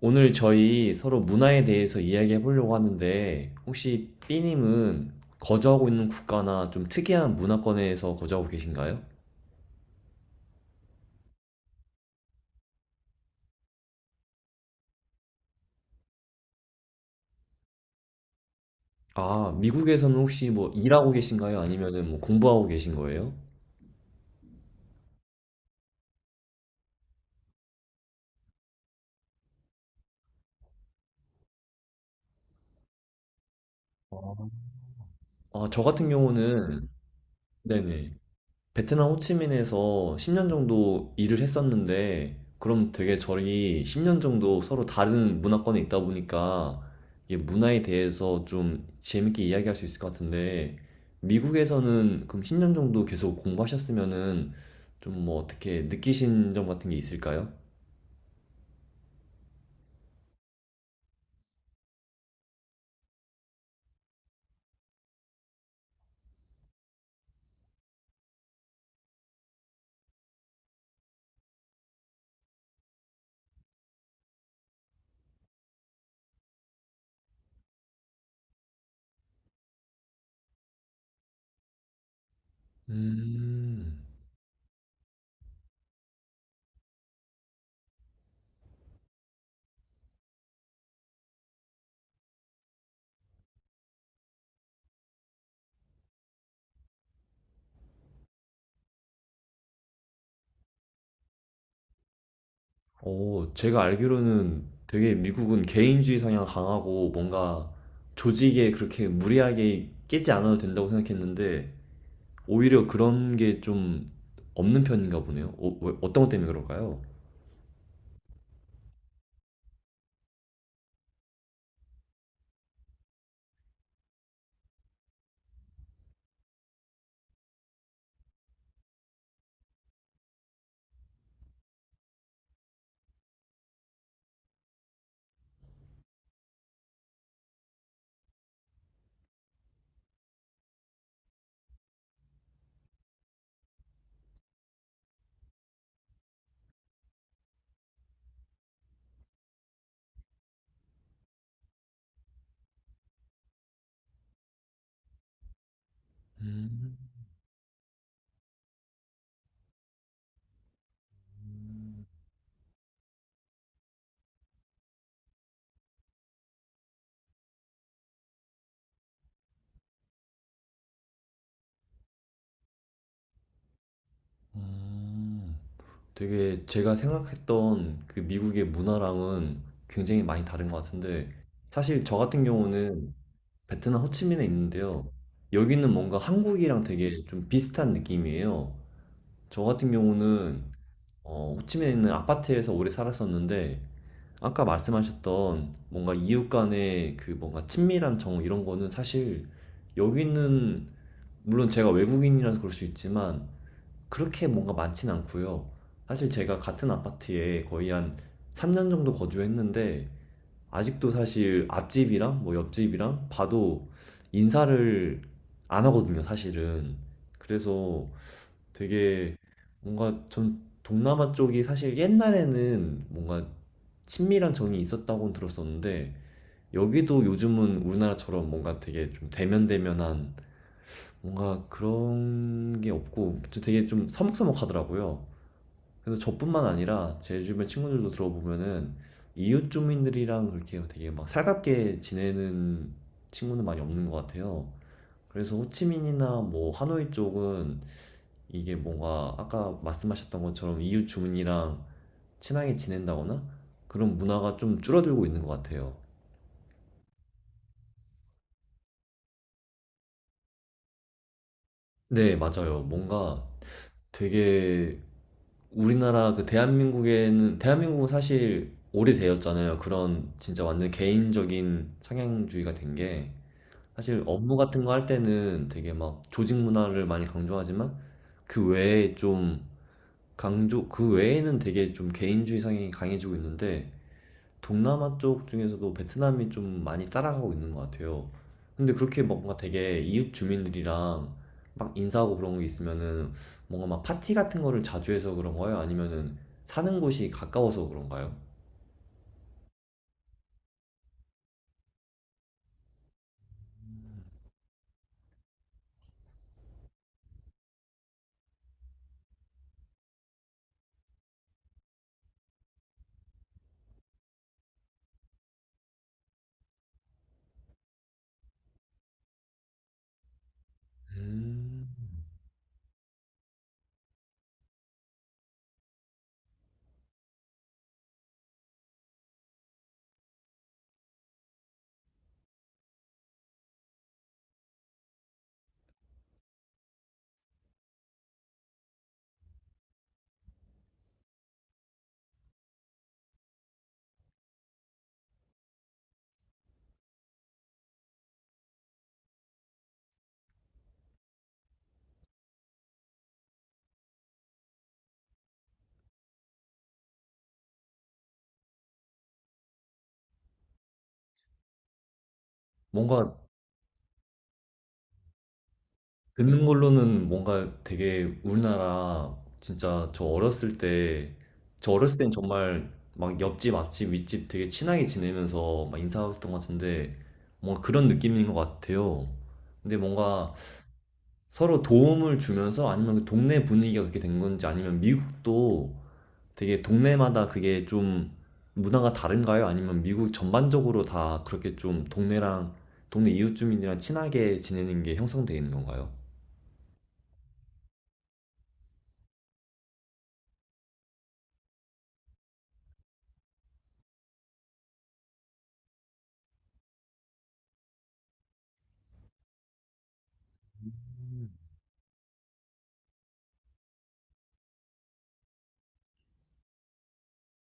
오늘 저희 서로 문화에 대해서 이야기해 보려고 하는데, 혹시 B님은 거주하고 있는 국가나 좀 특이한 문화권에서 거주하고 계신가요? 아, 미국에서는 혹시 뭐 일하고 계신가요? 아니면은 뭐 공부하고 계신 거예요? 아, 저 같은 경우는, 네네. 베트남 호치민에서 10년 정도 일을 했었는데, 그럼 되게 저희 10년 정도 서로 다른 문화권에 있다 보니까, 이게 문화에 대해서 좀 재밌게 이야기할 수 있을 것 같은데, 미국에서는 그럼 10년 정도 계속 공부하셨으면은, 좀 뭐 어떻게 느끼신 점 같은 게 있을까요? 음, 제가 알기로는 되게 미국은 개인주의 성향 강하고 뭔가 조직에 그렇게 무리하게 끼지 않아도 된다고 생각했는데, 오히려 그런 게 좀 없는 편인가 보네요. 어떤 것 때문에 그럴까요? 음, 음. 되게 제가 생각했던 그 미국의 문화랑은 굉장히 많이 다른 것 같은데, 사실 저 같은 경우는 베트남 호치민에 있는데요. 여기는 뭔가 한국이랑 되게 좀 비슷한 느낌이에요. 저 같은 경우는 호치민에 있는 아파트에서 오래 살았었는데, 아까 말씀하셨던 뭔가 이웃 간의 그 뭔가 친밀한 정을 이런 거는 사실 여기는 물론 제가 외국인이라서 그럴 수 있지만 그렇게 뭔가 많진 않고요. 사실 제가 같은 아파트에 거의 한 3년 정도 거주했는데, 아직도 사실 앞집이랑 뭐 옆집이랑 봐도 인사를 안 하거든요, 사실은. 그래서 되게 뭔가 전 동남아 쪽이 사실 옛날에는 뭔가 친밀한 정이 있었다고 들었었는데, 여기도 요즘은 우리나라처럼 뭔가 되게 좀 대면대면한 뭔가 그런 게 없고, 저 되게 좀 서먹서먹하더라고요. 그래서 저뿐만 아니라 제 주변 친구들도 들어보면은 이웃 주민들이랑 그렇게 되게 막 살갑게 지내는 친구는 많이 없는 것 같아요. 그래서 호치민이나 뭐 하노이 쪽은 이게 뭔가 아까 말씀하셨던 것처럼 이웃 주민이랑 친하게 지낸다거나 그런 문화가 좀 줄어들고 있는 것 같아요. 네, 맞아요. 뭔가 되게 우리나라 그 대한민국에는 대한민국은 사실 오래되었잖아요. 그런 진짜 완전 개인적인 상향주의가 된 게, 사실 업무 같은 거 할 때는 되게 막 조직 문화를 많이 강조하지만, 그 외에 좀 강조 그 외에는 되게 좀 개인주의 성향이 강해지고 있는데, 동남아 쪽 중에서도 베트남이 좀 많이 따라가고 있는 것 같아요. 근데 그렇게 막 뭔가 되게 이웃 주민들이랑 막 인사하고 그런 게 있으면은, 뭔가 막 파티 같은 거를 자주 해서 그런가요? 아니면은 사는 곳이 가까워서 그런가요? 음, 뭔가 듣는 걸로는 뭔가 되게 우리나라 진짜 저 어렸을 땐 정말 막 옆집, 앞집, 윗집 되게 친하게 지내면서 막 인사했던 것 같은데, 뭔가 그런 느낌인 것 같아요. 근데 뭔가 서로 도움을 주면서, 아니면 그 동네 분위기가 그렇게 된 건지, 아니면 미국도 되게 동네마다 그게 좀 문화가 다른가요? 아니면 미국 전반적으로 다 그렇게 좀 동네랑 동네 이웃 주민이랑 친하게 지내는 게 형성되어 있는 건가요?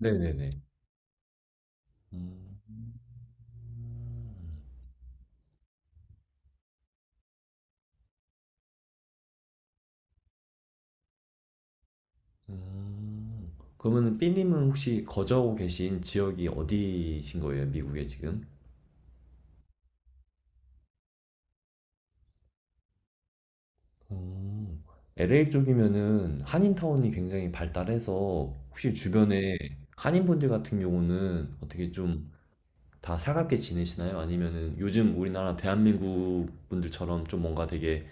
네네네. 음, 음. 그러면 삐님은 혹시 거주하고 계신 지역이 어디신 거예요? 미국에 지금? 음. LA 쪽이면은 한인타운이 굉장히 발달해서, 혹시 주변에 한인분들 같은 경우는 어떻게 좀 다 살갑게 지내시나요? 아니면은 요즘 우리나라 대한민국 분들처럼 좀 뭔가 되게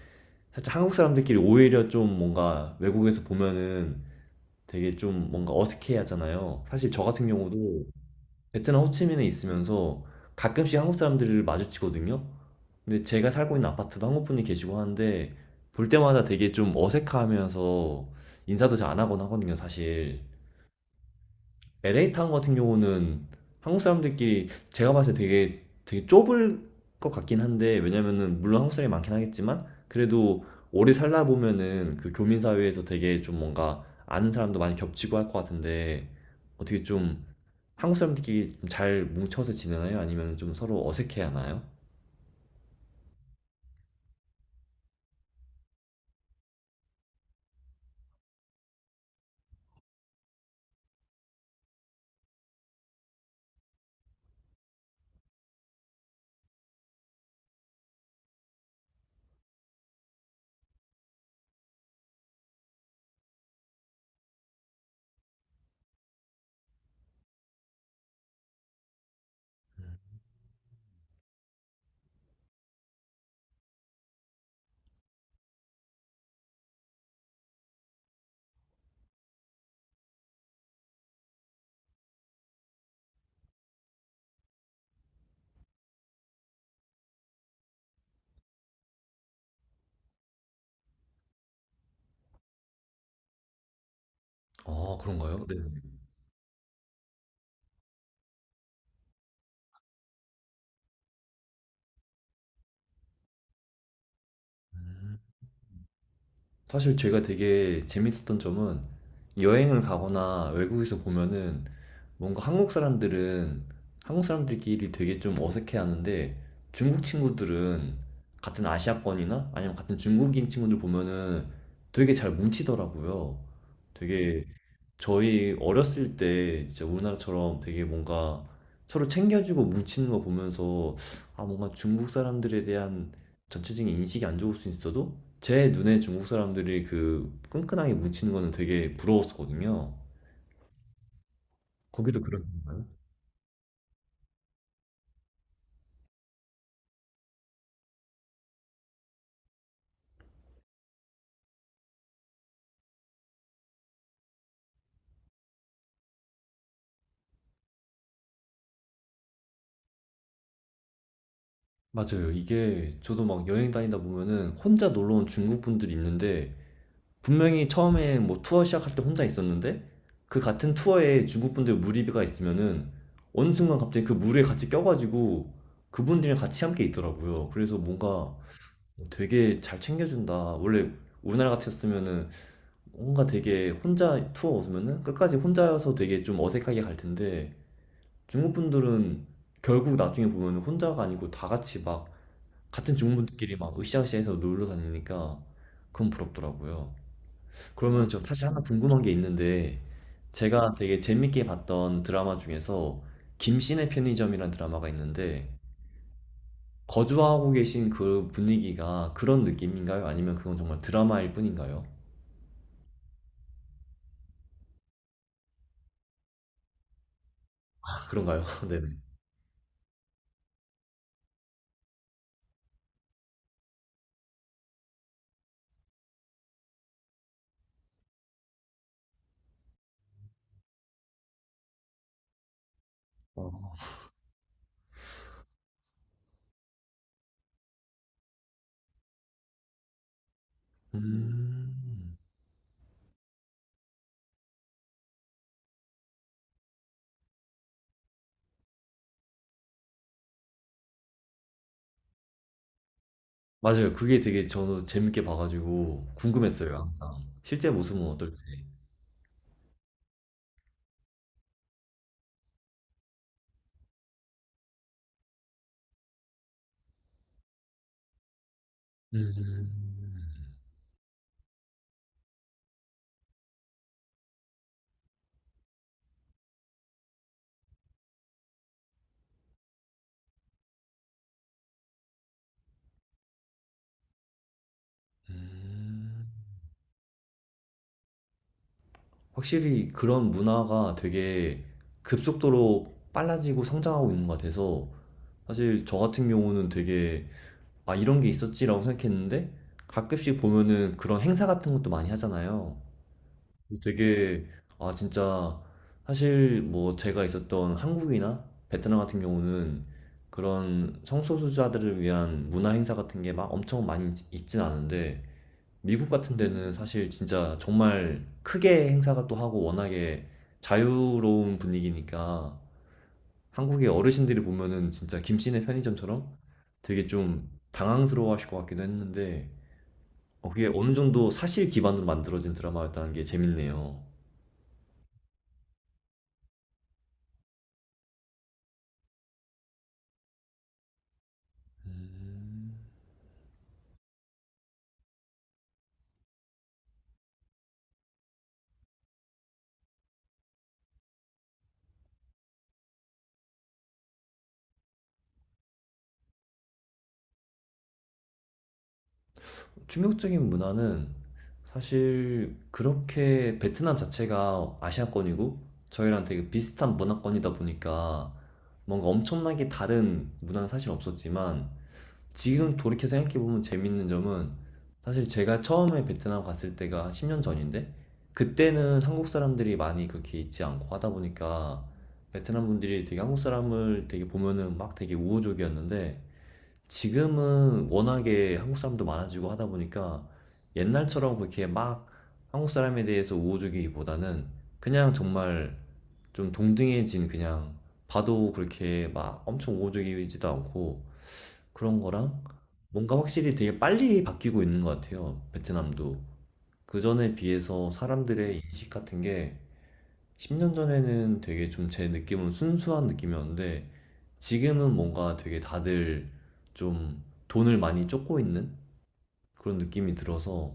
살짝, 한국 사람들끼리 오히려 좀 뭔가 외국에서 보면은 되게 좀 뭔가 어색해 하잖아요. 사실 저 같은 경우도 베트남 호치민에 있으면서 가끔씩 한국 사람들을 마주치거든요. 근데 제가 살고 있는 아파트도 한국 분이 계시고 하는데, 볼 때마다 되게 좀 어색하면서 인사도 잘 안 하곤 하거든요, 사실. LA 타운 같은 경우는 한국 사람들끼리 제가 봤을 때 되게 되게 좁을 것 같긴 한데, 왜냐면은 물론 한국 사람이 많긴 하겠지만, 그래도 오래 살다 보면은 그 교민 사회에서 되게 좀 뭔가 아는 사람도 많이 겹치고 할 것 같은데, 어떻게 좀 한국 사람들끼리 좀 잘 뭉쳐서 지내나요? 아니면 좀 서로 어색해 하나요? 아, 그런가요? 네. 사실 제가 되게 재밌었던 점은, 여행을 가거나 외국에서 보면은 뭔가 한국 사람들은 한국 사람들끼리 되게 좀 어색해하는데, 중국 친구들은 같은 아시아권이나 아니면 같은 중국인 친구들 보면은 되게 잘 뭉치더라고요. 되게 저희 어렸을 때 진짜 우리나라처럼 되게 뭔가 서로 챙겨주고 뭉치는 거 보면서, 아 뭔가 중국 사람들에 대한 전체적인 인식이 안 좋을 수 있어도 제 눈에 중국 사람들이 그 끈끈하게 뭉치는 거는 되게 부러웠었거든요. 거기도 그런 맞아요. 이게 저도 막 여행 다니다 보면은 혼자 놀러 온 중국 분들이 있는데, 분명히 처음에 뭐 투어 시작할 때 혼자 있었는데, 그 같은 투어에 중국 분들 무리가 있으면은 어느 순간 갑자기 그 무리에 같이 껴가지고 그분들이랑 같이 함께 있더라고요. 그래서 뭔가 되게 잘 챙겨준다. 원래 우리나라 같았으면은 뭔가 되게 혼자 투어 오면은 끝까지 혼자여서 되게 좀 어색하게 갈 텐데, 중국 분들은 결국 나중에 보면 혼자가 아니고 다 같이 막 같은 중국분들끼리 막 으쌰으쌰해서 놀러 다니니까, 그건 부럽더라고요. 그러면 저 사실 하나 궁금한 게 있는데, 제가 되게 재밌게 봤던 드라마 중에서 김씨네 편의점이라는 드라마가 있는데, 거주하고 계신 그 분위기가 그런 느낌인가요? 아니면 그건 정말 드라마일 뿐인가요? 아, 그런가요? 네네. 어. 음. 맞아요. 그게 되게 저도 재밌게 봐가지고 궁금했어요, 항상. 실제 모습은 어떨지. 음. 음. 확실히 그런 문화가 되게 급속도로 빨라지고 성장하고 있는 것 같아서, 사실 저 같은 경우는 되게, 아, 이런 게 있었지라고 생각했는데, 가끔씩 보면은 그런 행사 같은 것도 많이 하잖아요. 그래서 되게, 아, 진짜, 사실 뭐 제가 있었던 한국이나 베트남 같은 경우는 그런 성소수자들을 위한 문화 행사 같은 게 막 엄청 많이 있진 않은데, 미국 같은 데는 사실 진짜 정말 크게 행사가 또 하고 워낙에 자유로운 분위기니까 한국의 어르신들이 보면은 진짜 김씨네 편의점처럼 되게 좀 당황스러워 하실 것 같기도 했는데, 그게 어느 정도 사실 기반으로 만들어진 드라마였다는 게 재밌네요. 충격적인 문화는 사실 그렇게 베트남 자체가 아시아권이고 저희랑 되게 비슷한 문화권이다 보니까 뭔가 엄청나게 다른 문화는 사실 없었지만, 지금 돌이켜 생각해보면 재밌는 점은, 사실 제가 처음에 베트남 갔을 때가 10년 전인데, 그때는 한국 사람들이 많이 그렇게 있지 않고 하다 보니까 베트남 분들이 되게 한국 사람을 되게 보면은 막 되게 우호적이었는데, 지금은 워낙에 한국 사람도 많아지고 하다 보니까 옛날처럼 그렇게 막 한국 사람에 대해서 우호적이기보다는 그냥 정말 좀 동등해진, 그냥 봐도 그렇게 막 엄청 우호적이지도 않고 그런 거랑, 뭔가 확실히 되게 빨리 바뀌고 있는 것 같아요. 베트남도. 그전에 비해서 사람들의 인식 같은 게 10년 전에는 되게 좀 제 느낌은 순수한 느낌이었는데, 지금은 뭔가 되게 다들 좀 돈을 많이 쫓고 있는 그런 느낌이 들어서,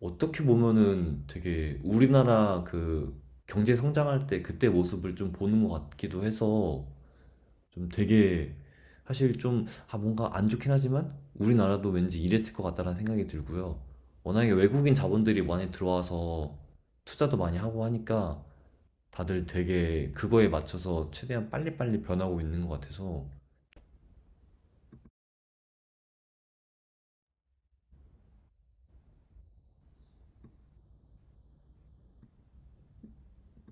어떻게 보면은 되게 우리나라 그 경제 성장할 때 그때 모습을 좀 보는 것 같기도 해서, 좀 되게, 사실 좀, 아 뭔가 안 좋긴 하지만 우리나라도 왠지 이랬을 것 같다라는 생각이 들고요. 워낙에 외국인 자본들이 많이 들어와서 투자도 많이 하고 하니까 다들 되게 그거에 맞춰서 최대한 빨리빨리 변하고 있는 것 같아서